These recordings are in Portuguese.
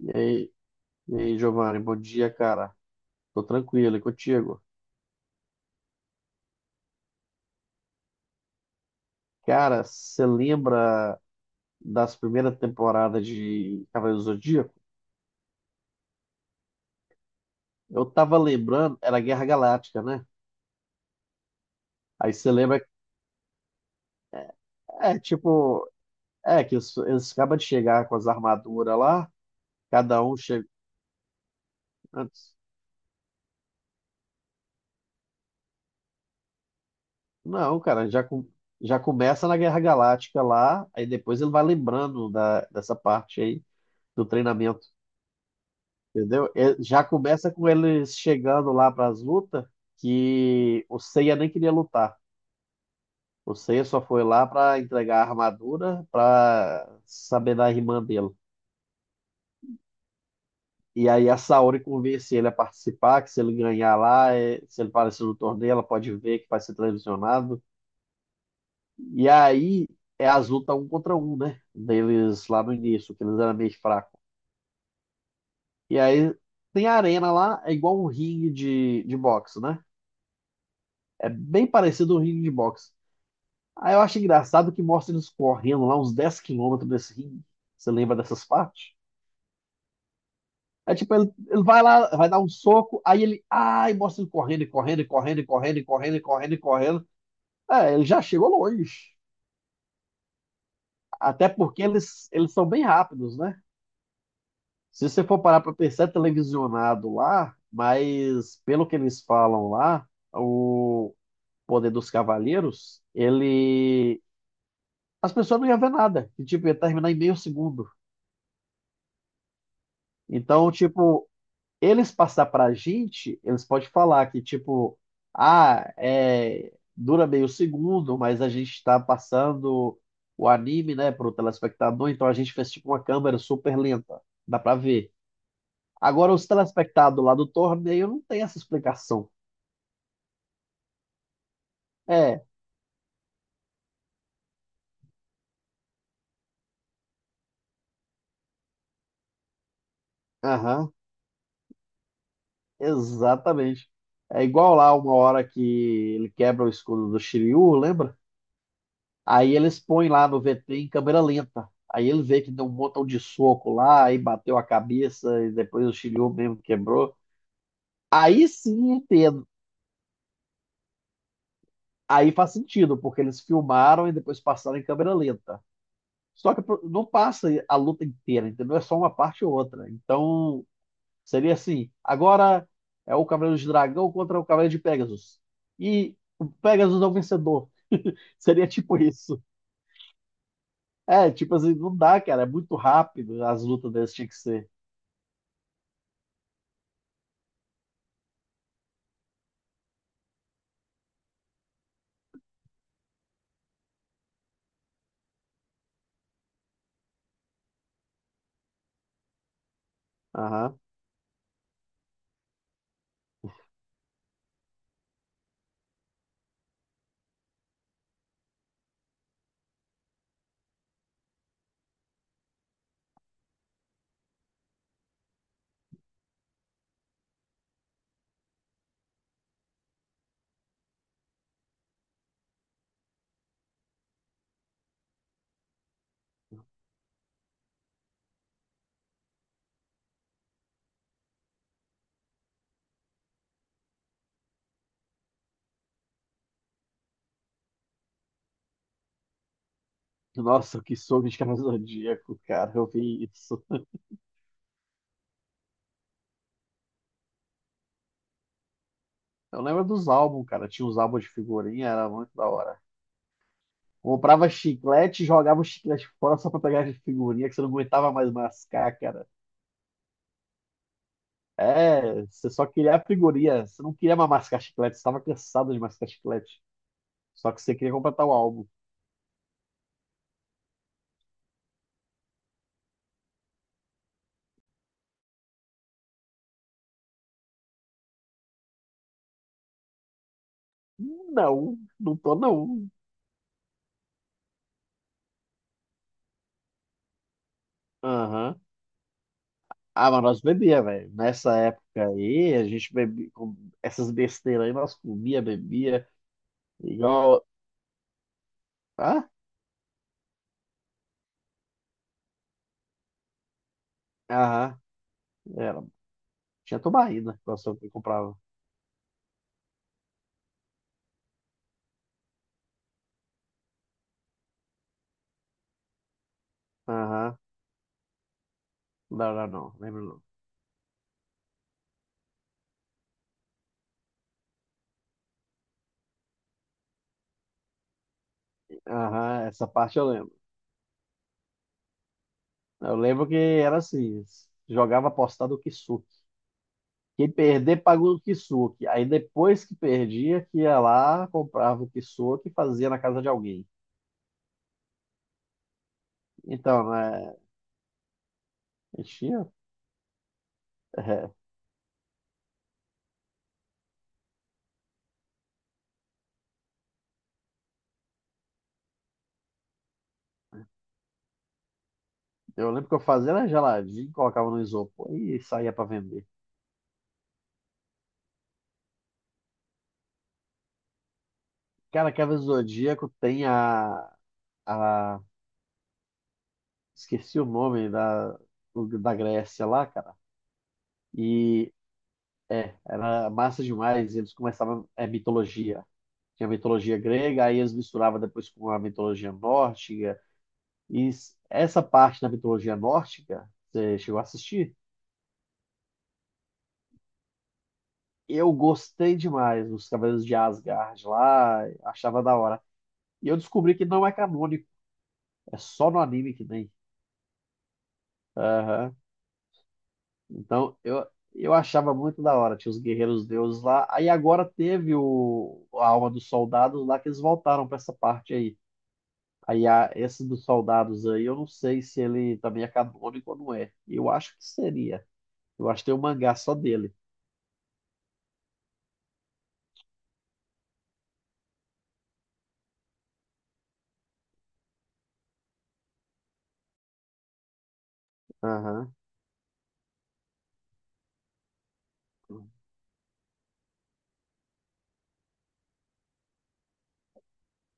E aí, e aí, Giovanni, bom dia, cara. Tô tranquilo, e contigo? Cara, você lembra das primeiras temporadas de Cavaleiros do Zodíaco? Eu tava lembrando, era Guerra Galáctica, né? Aí você lembra, é tipo, é que eles acabam de chegar com as armaduras lá, cada um chega antes. Não, cara, já, já começa na Guerra Galáctica lá, aí depois ele vai lembrando da, dessa parte aí do treinamento. Entendeu? É, já começa com eles chegando lá para as lutas, que o Seiya nem queria lutar. O Seiya só foi lá para entregar a armadura para saber da irmã dele. E aí a Saori convence ele a participar, que se ele ganhar lá, se ele aparecer no torneio, ela pode ver que vai ser televisionado. E aí é as lutas um contra um, né? Deles lá no início, que eles eram meio fracos. E aí tem a arena lá, é igual um ringue de boxe, né? É bem parecido um ringue de boxe. Aí eu acho engraçado que mostra eles correndo lá uns 10 quilômetros desse ringue. Você lembra dessas partes? É tipo, ele vai lá, vai dar um soco, aí ele. Ai, mostra ele correndo, e correndo, e correndo, e correndo, e correndo, e correndo, e correndo. É, ele já chegou longe. Até porque eles são bem rápidos, né? Se você for parar pra pensar, é televisionado lá, mas pelo que eles falam lá, o poder dos cavaleiros, ele. As pessoas não iam ver nada. E, tipo, ia terminar em meio segundo. Então, tipo, eles passar pra gente, eles podem falar que, tipo, ah, é, dura meio segundo, mas a gente tá passando o anime, né, pro telespectador, então a gente fez, tipo, uma câmera super lenta, dá pra ver. Agora, os telespectadores lá do torneio não tem essa explicação. É, aham, exatamente. É igual lá uma hora que ele quebra o escudo do Shiryu, lembra? Aí eles põem lá no VT em câmera lenta. Aí ele vê que deu um montão de soco lá, aí bateu a cabeça, e depois o chilhou mesmo quebrou. Aí sim entendo. Aí faz sentido, porque eles filmaram e depois passaram em câmera lenta. Só que não passa a luta inteira, entendeu? É só uma parte ou outra. Então, seria assim: agora é o Cavaleiro de Dragão contra o Cavaleiro de Pegasus. E o Pegasus é o vencedor. Seria tipo isso. É, tipo assim, não dá, cara. É muito rápido as lutas deles tinha que ser. Aham. Nossa, que soco de Cavaleiro do Zodíaco, cara. Eu vi isso. Eu lembro dos álbuns, cara. Tinha os álbuns de figurinha, era muito da hora. Comprava chiclete, e jogava o chiclete fora só pra pegar de figurinha, que você não aguentava mais mascar, cara. É, você só queria a figurinha. Você não queria mais mascar chiclete, você tava cansado de mascar chiclete. Só que você queria completar o álbum. Não, não tô não. Aham. Ah, mas nós bebia, velho. Nessa época aí, a gente bebia com essas besteiras aí, nós comia, bebia. Igual Ah? Aham, era. Tinha tubaína, que eu que comprava. Aham, não, não, não, lembro não. Aham, essa parte eu lembro. Eu lembro que era assim, jogava apostado o Kisuki. Quem perder pagou o Kisuki. Aí depois que perdia, que ia lá, comprava o Kisuki e fazia na casa de alguém. Então, né, enchia. É, eu lembro que eu fazia era geladinho, colocava no isopor e saía pra vender. Cara, Cavaleiro do Zodíaco tem a esqueci o nome da Grécia lá, cara. E é, era massa demais. Eles começavam, é mitologia. Tinha mitologia grega, aí eles misturavam depois com a mitologia nórdica. E essa parte da mitologia nórdica, você chegou a assistir? Eu gostei demais dos Cavaleiros de Asgard lá, achava da hora. E eu descobri que não é canônico, é só no anime que tem. Aham. Então, eu achava muito da hora, tinha os guerreiros deuses lá. Aí agora teve o, a alma dos soldados lá, que eles voltaram para essa parte aí. Aí a, esse dos soldados aí, eu não sei se ele também é canônico ou não é. Eu acho que seria. Eu acho que tem um mangá só dele. Aham,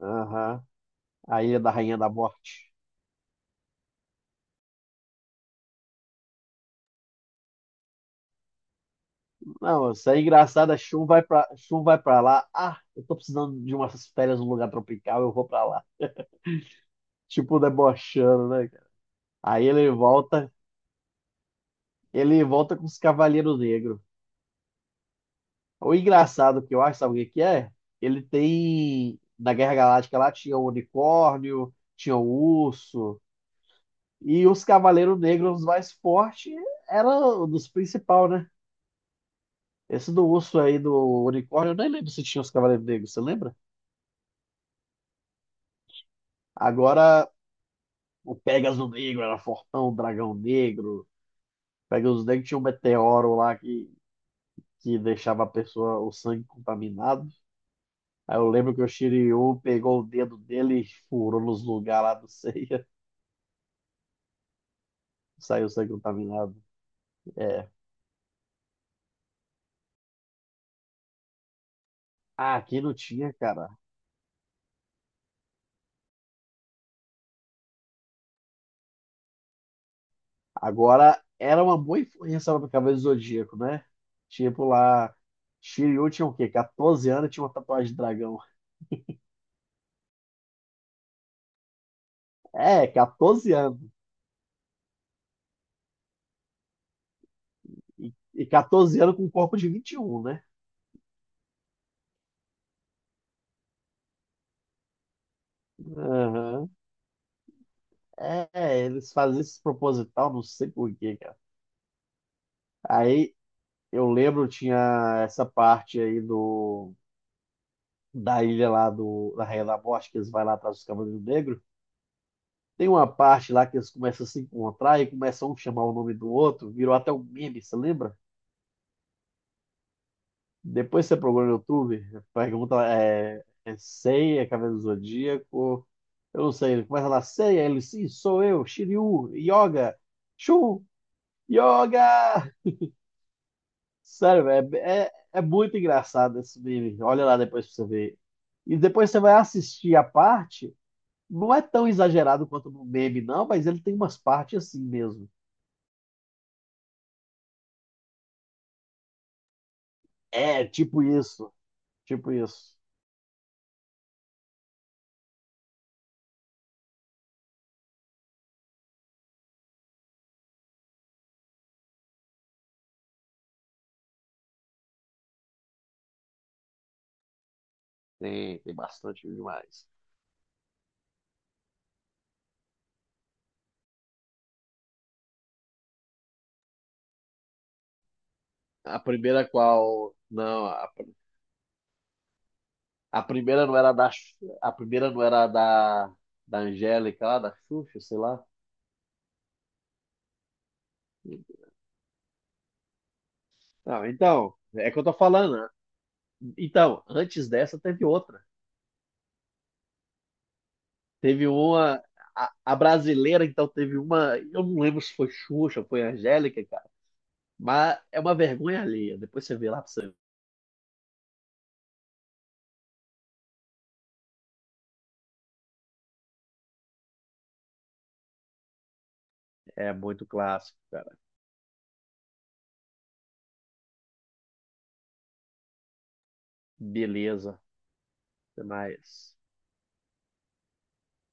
aham. A Ilha da Rainha da Morte. Não, isso é engraçado. A Shun vai pra lá. Ah, eu tô precisando de umas férias num lugar tropical, eu vou pra lá. Tipo, debochando, né, cara? Aí ele volta. Ele volta com os Cavaleiros Negros. O engraçado que eu acho, sabe o que que é? Ele tem. Na Guerra Galáctica lá tinha o unicórnio, tinha o urso. E os Cavaleiros Negros mais fortes eram dos principais, né? Esse do urso aí, do unicórnio, eu nem lembro se tinha os Cavaleiros Negros, você lembra? Agora, o Pegasus Negro era fortão, o Dragão Negro. Pegasus Negro tinha um meteoro lá que deixava a pessoa, o sangue contaminado. Aí eu lembro que o Shiryu pegou o dedo dele e furou nos lugares lá do Seiya. Saiu sangue contaminado. Ah, aqui não tinha, cara. Agora era uma boa influência lá do Cavaleiro do Zodíaco, né? Tipo lá. Shiryu tinha o quê? 14 anos e tinha uma tatuagem de dragão. É, 14 anos. E 14 anos com um corpo de 21, né? Aham. É, eles fazem isso proposital, não sei por quê, cara. Aí eu lembro, tinha essa parte aí do da ilha lá do, da Rainha da Morte, que eles vão lá atrás dos Cavaleiros Negros. Tem uma parte lá que eles começam a se encontrar e começam um a um chamar o nome do outro, virou até um meme, você lembra? Depois você procura no YouTube, pergunta é, é Sei, é Cavaleiro do Zodíaco, eu não sei, ele começa lá, Sei, aí ele, sim, sou eu, Shiryu, Yoga, Shun, Yoga! Sério, velho, é muito engraçado esse meme, olha lá depois pra você ver. E depois você vai assistir a parte não é tão exagerado quanto no meme, não, mas ele tem umas partes assim mesmo. É, tipo isso. Tipo isso. Tem bastante demais. A primeira qual. Não, a primeira não era da. A primeira não era da. Da Angélica lá, da Xuxa, sei lá. Não, então, é que eu tô falando. Né? Então, antes dessa teve outra. Teve uma. A brasileira, então, teve uma. Eu não lembro se foi Xuxa, foi Angélica, cara. Mas é uma vergonha alheia. Depois você vê lá pra você É muito clássico, cara. Beleza. Até mais.